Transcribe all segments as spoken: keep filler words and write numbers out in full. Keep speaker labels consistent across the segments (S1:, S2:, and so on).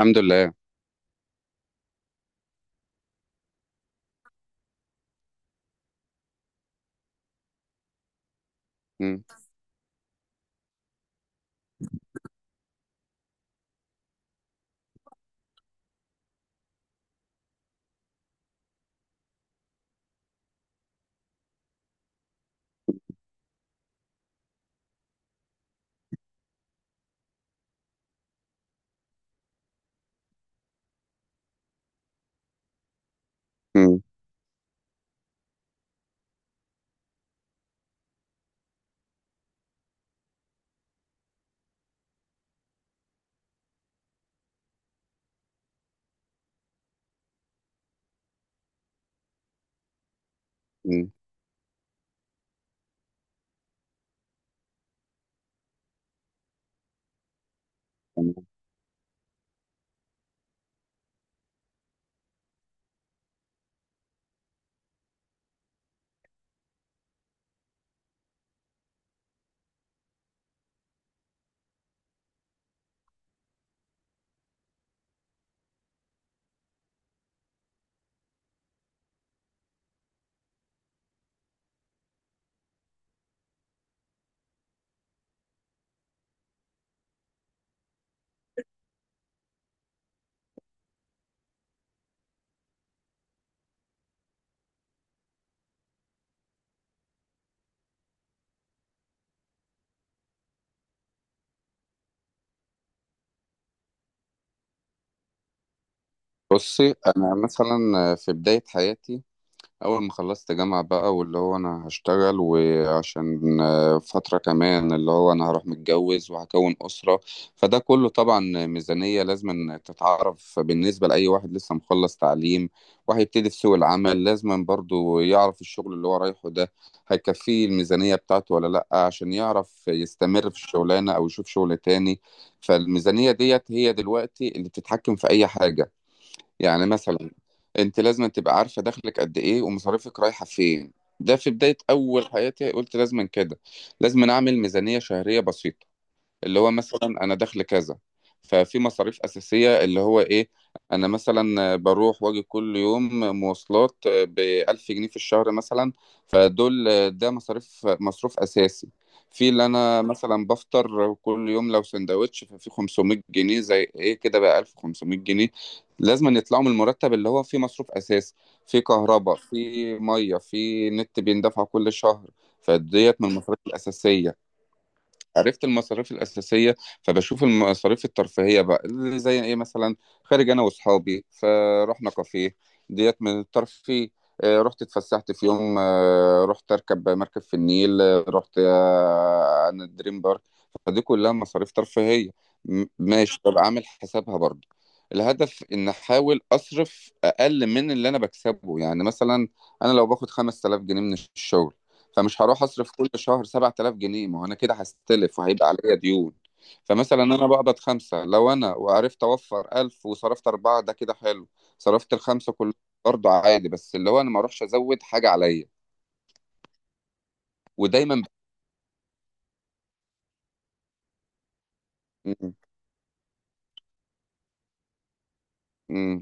S1: الحمد لله. مم. مم. مم. تمام. بصي، انا مثلا في بدايه حياتي، اول ما خلصت جامعة بقى واللي هو انا هشتغل، وعشان آه، فترة كمان اللي هو انا هروح متجوز وهكون أسرة. فده كله طبعا ميزانية لازم تتعرف بالنسبة لأي واحد لسه مخلص تعليم وهيبتدي في سوق العمل، لازم برضو يعرف الشغل اللي هو رايحه ده هيكفيه الميزانية بتاعته ولا لأ، عشان يعرف يستمر في الشغلانة أو يشوف شغل تاني. فالميزانية ديت هي دلوقتي اللي بتتحكم في أي حاجة. يعني مثلا انت لازم تبقى عارفه دخلك قد ايه ومصاريفك رايحه فين. ده في بدايه اول حياتي قلت لازم كده، لازم اعمل ميزانيه شهريه بسيطه اللي هو مثلا انا دخل كذا، ففي مصاريف اساسيه اللي هو ايه. انا مثلا بروح واجي كل يوم مواصلات ب ألف جنيه في الشهر مثلا، فدول ده مصاريف، مصروف اساسي. في اللي انا مثلا بفطر كل يوم لو سندوتش ففي خمسمائة جنيه، زي ايه كده بقى ألف وخمسمائة جنيه لازم يطلعوا من المرتب اللي هو فيه مصروف اساسي. في كهرباء، في ميه، في نت بيندفع كل شهر. فديت من المصاريف الاساسيه. عرفت المصاريف الأساسية، فبشوف المصاريف الترفيهية بقى اللي زي إيه مثلا. خارج أنا وأصحابي، فرحنا كافيه، ديت من الترفيه. آه، رحت اتفسحت في يوم، آه، رحت أركب مركب في النيل، آه، رحت آه، أنا دريم بارك. فدي كلها مصاريف ترفيهية. م- ماشي، طب عامل حسابها برضه. الهدف إن أحاول أصرف أقل من اللي أنا بكسبه. يعني مثلا أنا لو باخد خمس آلاف جنيه من الشغل، فمش هروح اصرف كل شهر سبع آلاف جنيه، ما هو انا كده هستلف وهيبقى عليا ديون. فمثلا انا بقبض خمسة، لو انا وعرفت اوفر ألف وصرفت اربعة ده كده حلو. صرفت الخمسة كلهم برضه عادي، بس اللي هو انا ما اروحش ازود حاجة عليا. ودايما ب... م- م-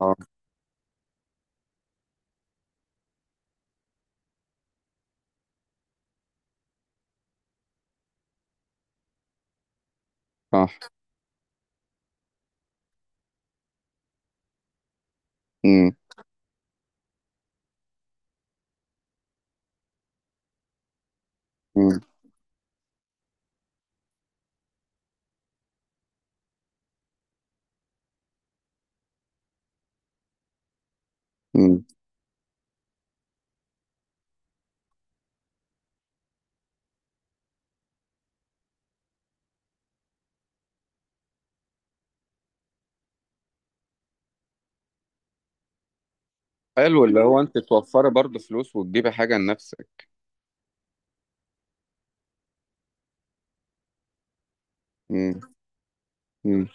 S1: اه، صح. م- م- م. حلو، اللي هو انت توفري برضه فلوس وتجيبي حاجة لنفسك. م- م-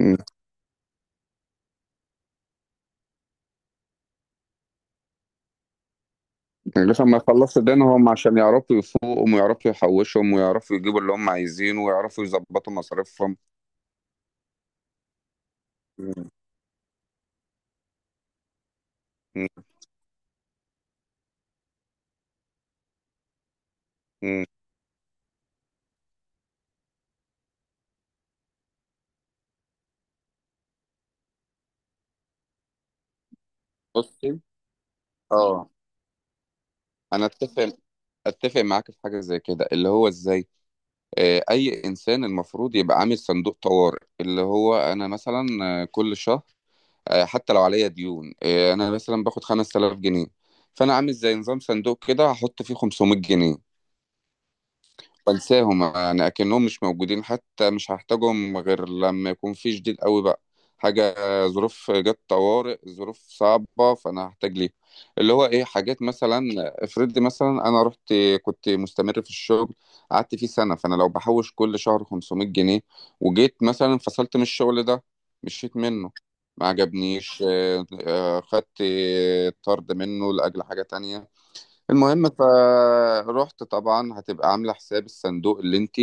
S1: م. لسه ما يخلصوا دينهم عشان يعرفوا يفوقهم ويعرفوا يحوشهم ويعرفوا يجيبوا اللي هم عايزينه ويعرفوا يظبطوا مصاريفهم. مم. مم. بصي، اه. انا اتفق اتفق معاك في حاجه زي كده. اللي هو ازاي آه، اي انسان المفروض يبقى عامل صندوق طوارئ، اللي هو انا مثلا آه، كل شهر، آه، حتى لو عليا ديون، آه، انا مثلا باخد خمسة آلاف جنيه. فانا عامل زي نظام صندوق كده هحط فيه خمسمية جنيه، بنساهم يعني اكنهم مش موجودين. حتى مش هحتاجهم غير لما يكون في شديد قوي بقى، حاجه، ظروف جت طوارئ، ظروف صعبه، فانا هحتاج ليه. اللي هو ايه حاجات مثلا؟ افرض مثلا انا رحت، كنت مستمر في الشغل قعدت فيه سنه، فانا لو بحوش كل شهر خمسمية جنيه، وجيت مثلا انفصلت من الشغل ده، مشيت منه ما عجبنيش، آه، آه، خدت طرد منه لاجل حاجه تانية. المهم فروحت طبعا هتبقى عامله حساب الصندوق اللي انت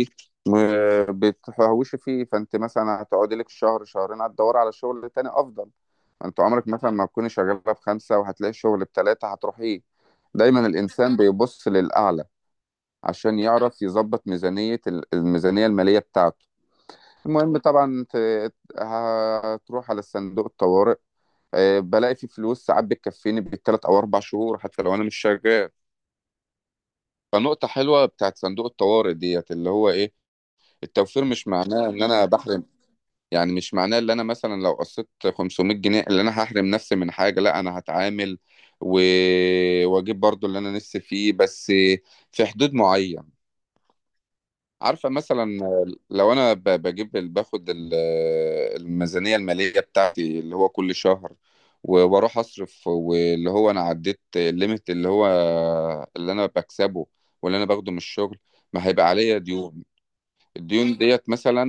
S1: بتحوشي فيه، فانت مثلا هتقعدي لك شهر شهرين هتدوري على شغل تاني افضل. انت عمرك مثلا ما تكوني شغاله بخمسه وهتلاقي شغل بتلاته هتروحيه. دايما الانسان بيبص للاعلى عشان يعرف يظبط ميزانيه، الميزانيه الماليه بتاعته. المهم طبعا ت- هتروح على صندوق الطوارئ، آه، بلاقي فيه فلوس ساعات بتكفيني بالتلات او اربع شهور حتى لو انا مش شغال. فنقطة حلوة بتاعت صندوق الطوارئ ديت اللي هو ايه. التوفير مش معناه ان انا بحرم، يعني مش معناه ان انا مثلا لو قصيت خمسمائة جنيه اللي انا هحرم نفسي من حاجة، لا انا هتعامل و... واجيب برضو اللي انا نفسي فيه، بس في حدود معين. عارفة مثلا لو أنا ب- بجيب ال- باخد ال- الميزانية المالية بتاعتي اللي هو كل شهر، و- وأروح أصرف واللي هو أنا عديت الليميت اللي هو اللي أنا بكسبه واللي أنا باخده من الشغل، ما هيبقى عليا ديون. الديون ديت مثلا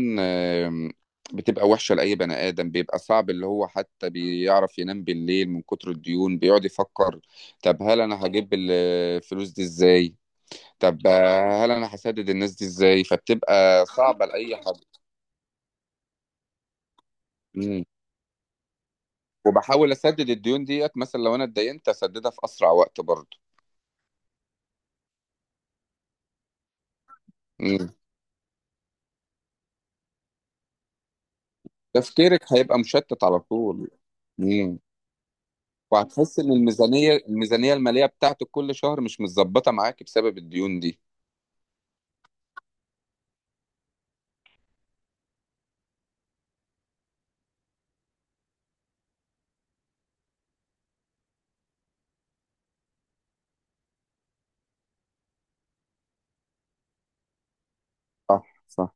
S1: آم، بتبقى وحشة لأي بني آدم، بيبقى صعب اللي هو حتى بيعرف ينام بالليل من كتر الديون بيقعد يفكر، طب هل أنا هجيب الفلوس دي إزاي؟ طب آه، هل انا هسدد الناس دي ازاي؟ فبتبقى صعبه لاي حد. مم. وبحاول اسدد الديون ديت مثلا لو انا اتدينت اسددها في اسرع وقت برضه. مم. تفكيرك هيبقى مشتت على طول. مم. وهتحس ان الميزانيه الميزانيه الماليه بتاعتك كل شهر مش متظبطه معاك بسبب الديون دي. صح صح.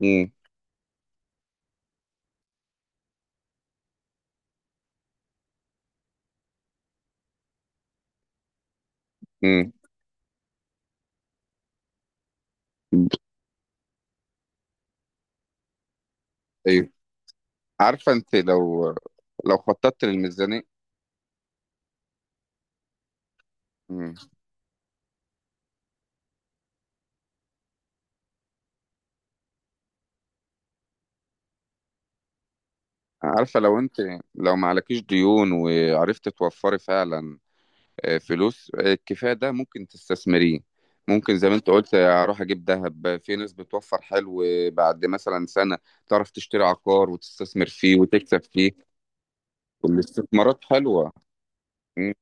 S1: مم. مم. ايوه، عارفه انت لو لو خططت للميزانيه. مم. عارفه لو انت لو ما عليكيش ديون وعرفت توفري فعلا آه، فلوس آه، الكفاية ده ممكن تستثمريه. ممكن زي ما انت قلت آه، اروح اجيب ذهب. آه، في ناس بتوفر حلو. آه، بعد مثلا سنة تعرف تشتري عقار وتستثمر فيه وتكسب فيه. والاستثمارات حلوة. مم.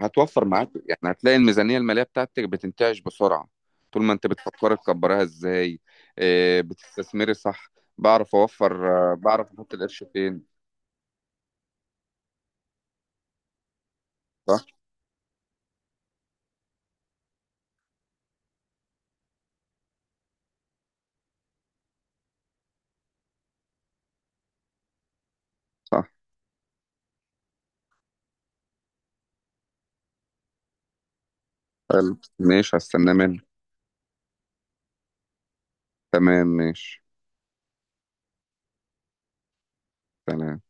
S1: هتوفر معاك، يعني هتلاقي الميزانية المالية بتاعتك بتنتعش بسرعة طول ما انت بتفكر تكبرها ازاي. آه، بتستثمري صح. بعرف اوفر آه، بعرف احط القرش فين. صح صح. حلو ماشي، هستنى منك. تمام ماشي. سلام.